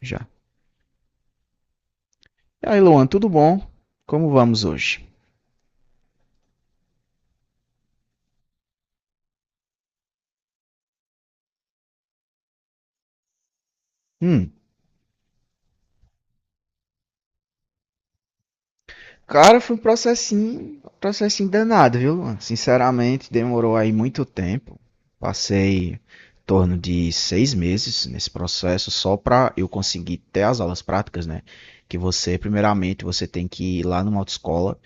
Já. E aí, Luan, tudo bom? Como vamos hoje? Hum. Cara, foi um processinho, processinho danado, viu, Luan? Sinceramente, demorou aí muito tempo. Passei em torno de 6 meses nesse processo só para eu conseguir ter as aulas práticas, né? Que você, primeiramente, você tem que ir lá numa autoescola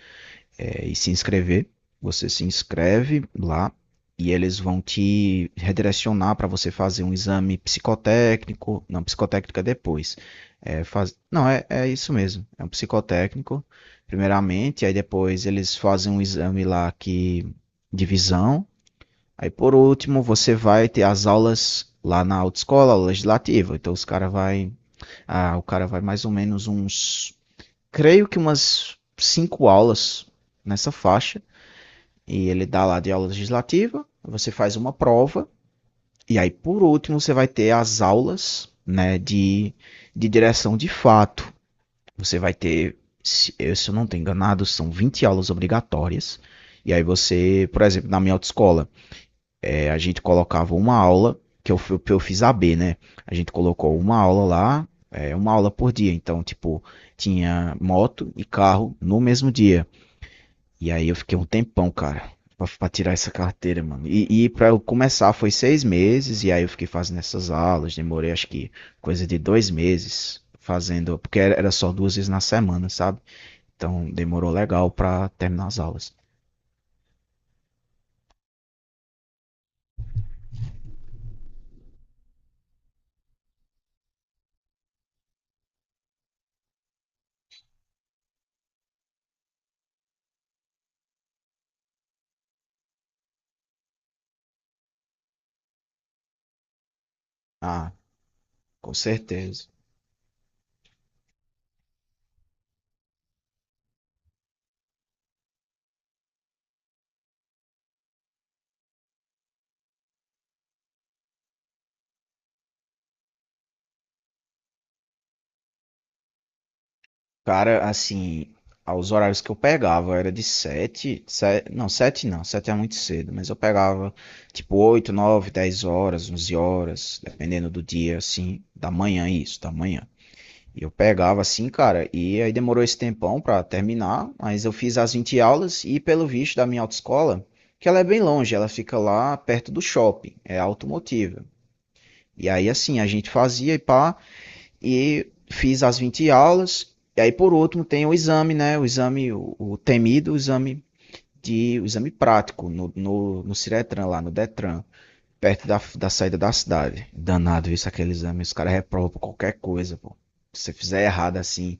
e se inscrever. Você se inscreve lá e eles vão te redirecionar para você fazer um exame psicotécnico. Não, psicotécnico é depois. É, faz... Não, é isso mesmo. É um psicotécnico, primeiramente, aí depois eles fazem um exame lá que... de visão. Aí por último, você vai ter as aulas lá na autoescola aula legislativa. Então os cara vai, o cara vai mais ou menos uns, creio que umas cinco aulas nessa faixa e ele dá lá de aula legislativa, você faz uma prova, e aí por último você vai ter as aulas né, de direção de fato. Você vai ter, se eu não estou enganado, são 20 aulas obrigatórias. E aí você, por exemplo, na minha autoescola, a gente colocava uma aula, que eu fiz AB, né? A gente colocou uma aula lá, uma aula por dia. Então, tipo, tinha moto e carro no mesmo dia. E aí eu fiquei um tempão, cara, pra tirar essa carteira, mano. E pra eu começar foi 6 meses, e aí eu fiquei fazendo essas aulas, demorei acho que coisa de 2 meses fazendo, porque era só duas vezes na semana, sabe? Então demorou legal pra terminar as aulas. Ah, com certeza. Cara, assim, aos horários que eu pegava era de sete, não, sete não, sete é muito cedo, mas eu pegava tipo 8, 9, 10 horas, 11 horas, dependendo do dia, assim, da manhã, isso, da manhã. E eu pegava assim, cara, e aí demorou esse tempão pra terminar, mas eu fiz as 20 aulas e pelo visto da minha autoescola, que ela é bem longe, ela fica lá perto do shopping, é automotiva. E aí assim, a gente fazia e pá, e fiz as 20 aulas, e aí por último tem o exame, né, o exame, o temido exame de, o exame prático no Ciretran lá, no Detran perto da saída da cidade. Danado isso, aquele exame. Os caras reprovam por qualquer coisa, pô. Se você fizer errado assim,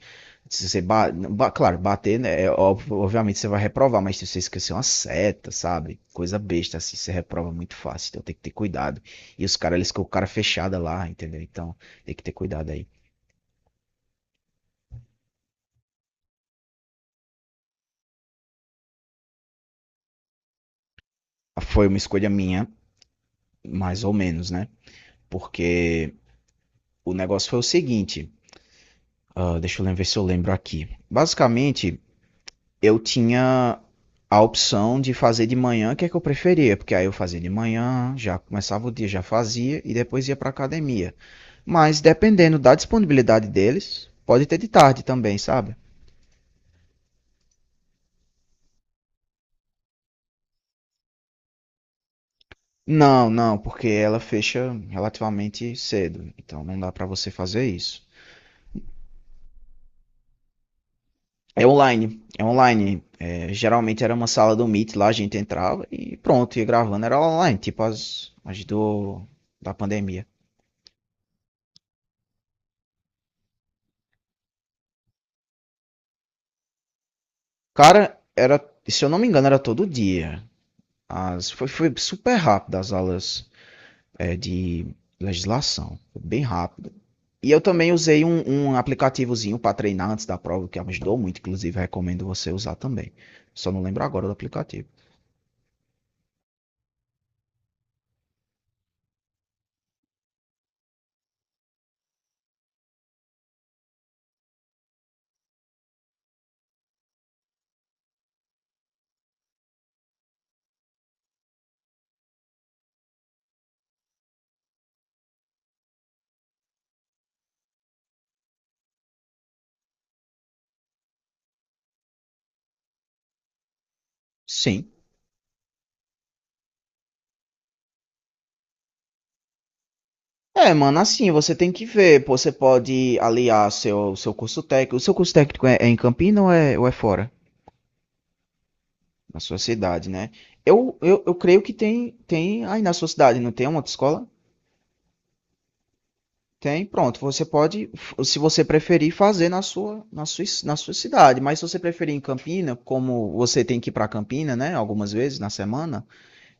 se você claro, bater, né? Obviamente você vai reprovar, mas se você esquecer uma seta, sabe? Coisa besta assim, você reprova muito fácil. Então tem que ter cuidado. E os caras, eles ficam com o cara fechada lá, entendeu? Então tem que ter cuidado aí. Foi uma escolha minha, mais ou menos, né? Porque o negócio foi o seguinte. Deixa eu lembrar ver se eu lembro aqui. Basicamente, eu tinha a opção de fazer de manhã, que é que eu preferia, porque aí eu fazia de manhã, já começava o dia, já fazia e depois ia para academia. Mas dependendo da disponibilidade deles, pode ter de tarde também, sabe? Não, não, porque ela fecha relativamente cedo, então não dá para você fazer isso. É online, é online. É, geralmente era uma sala do Meet, lá a gente entrava e pronto, ia gravando, era online, tipo as da pandemia. Cara, era, se eu não me engano, era todo dia. Foi super rápido as aulas de legislação, foi bem rápido. E eu também usei um aplicativozinho para treinar antes da prova, que ajudou muito, inclusive recomendo você usar também. Só não lembro agora do aplicativo. Sim. É, mano, assim, você tem que ver. Pô, você pode aliar seu curso técnico. O seu curso técnico é em Campina ou é fora? Na sua cidade, né? Eu creio que tem aí na sua cidade, não tem uma outra escola? Tem, pronto. Você pode, se você preferir, fazer na sua cidade. Mas se você preferir em Campina, como você tem que ir para Campina, né, algumas vezes na semana,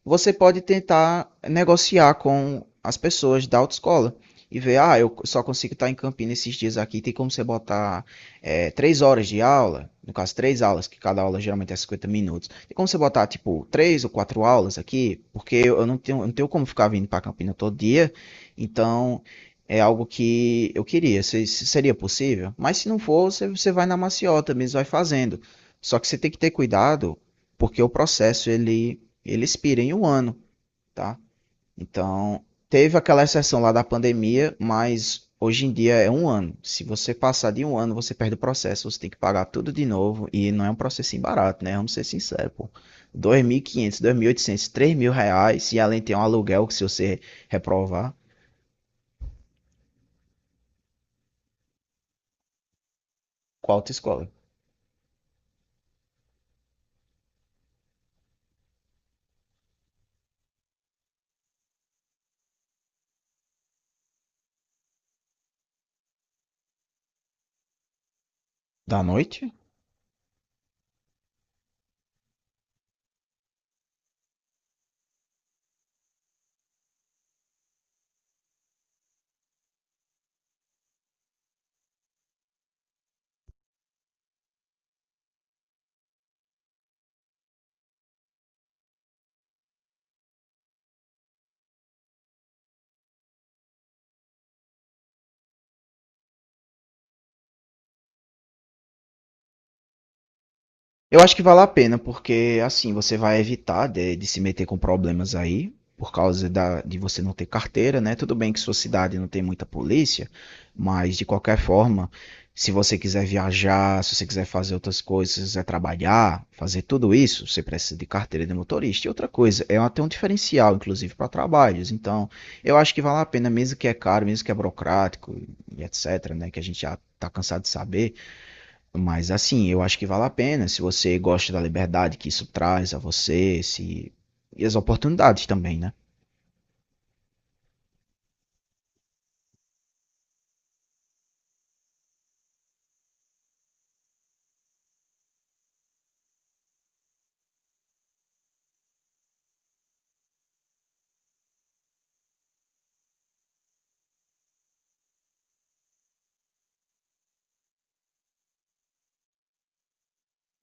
você pode tentar negociar com as pessoas da autoescola e ver, ah, eu só consigo estar em Campinas esses dias aqui, tem como você botar 3 horas de aula, no caso três aulas, que cada aula geralmente é 50 minutos, tem como você botar, tipo, três ou quatro aulas aqui, porque eu não tenho como ficar vindo para Campinas todo dia, então é algo que eu queria, se seria possível, mas se não for, você vai na maciota mesmo, vai fazendo, só que você tem que ter cuidado, porque o processo, ele expira em um ano, tá? Então, teve aquela exceção lá da pandemia, mas hoje em dia é um ano. Se você passar de um ano, você perde o processo, você tem que pagar tudo de novo e não é um processinho barato, né? Vamos ser sinceros, pô. Dois mil quinhentos, 2.800, 3.000 reais e além tem um aluguel que se você reprovar, qual autoescola? Da noite? Eu acho que vale a pena, porque assim você vai evitar de se meter com problemas aí, por causa de você não ter carteira, né? Tudo bem que sua cidade não tem muita polícia, mas de qualquer forma, se você quiser viajar, se você quiser fazer outras coisas, se você quiser trabalhar, fazer tudo isso, você precisa de carteira de motorista. E outra coisa, é até um diferencial, inclusive, para trabalhos. Então, eu acho que vale a pena, mesmo que é caro, mesmo que é burocrático e etc., né? Que a gente já está cansado de saber. Mas assim, eu acho que vale a pena se você gosta da liberdade que isso traz a você, se e as oportunidades também, né?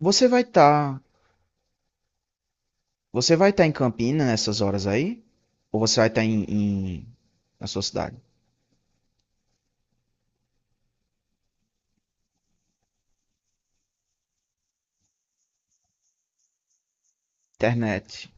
Você vai estar, você vai estar em Campina nessas horas aí? Ou você vai estar em, na sua cidade? Internet.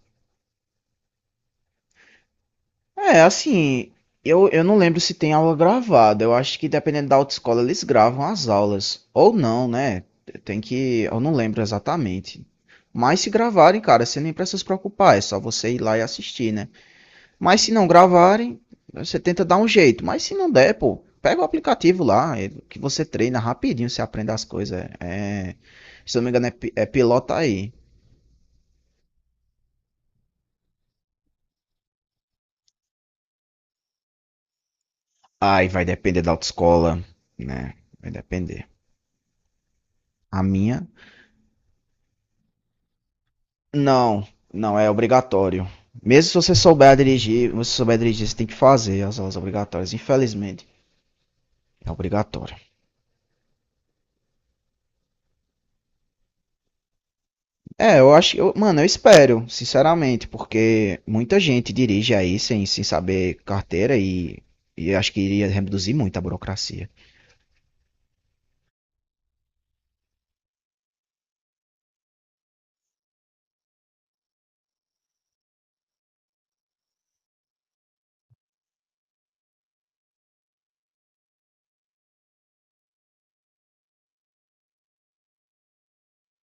É, assim, eu não lembro se tem aula gravada. Eu acho que dependendo da autoescola eles gravam as aulas ou não, né? Tem que, eu não lembro exatamente. Mas se gravarem, cara, você nem precisa se preocupar, é só você ir lá e assistir, né? Mas se não gravarem, você tenta dar um jeito. Mas se não der, pô, pega o aplicativo lá, que você treina rapidinho, você aprende as coisas. É, se eu não me engano, é pilota aí. Aí vai depender da autoescola, né? Vai depender. A minha, não, não é obrigatório. Mesmo se você souber dirigir, se você souber dirigir, você tem que fazer as aulas obrigatórias. Infelizmente, é obrigatório. É, eu acho, eu, mano, eu espero, sinceramente, porque muita gente dirige aí sem saber carteira e acho que iria reduzir muito a burocracia.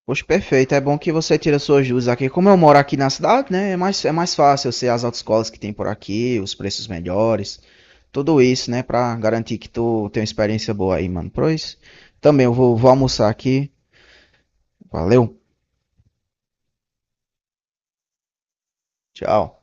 Poxa, perfeito, é bom que você tira suas dúvidas aqui. Como eu moro aqui na cidade, né, é mais fácil eu sei as autoescolas que tem por aqui, os preços melhores, tudo isso, né, pra garantir que tu tem uma experiência boa aí, mano. Pois, também eu vou almoçar aqui. Valeu, tchau.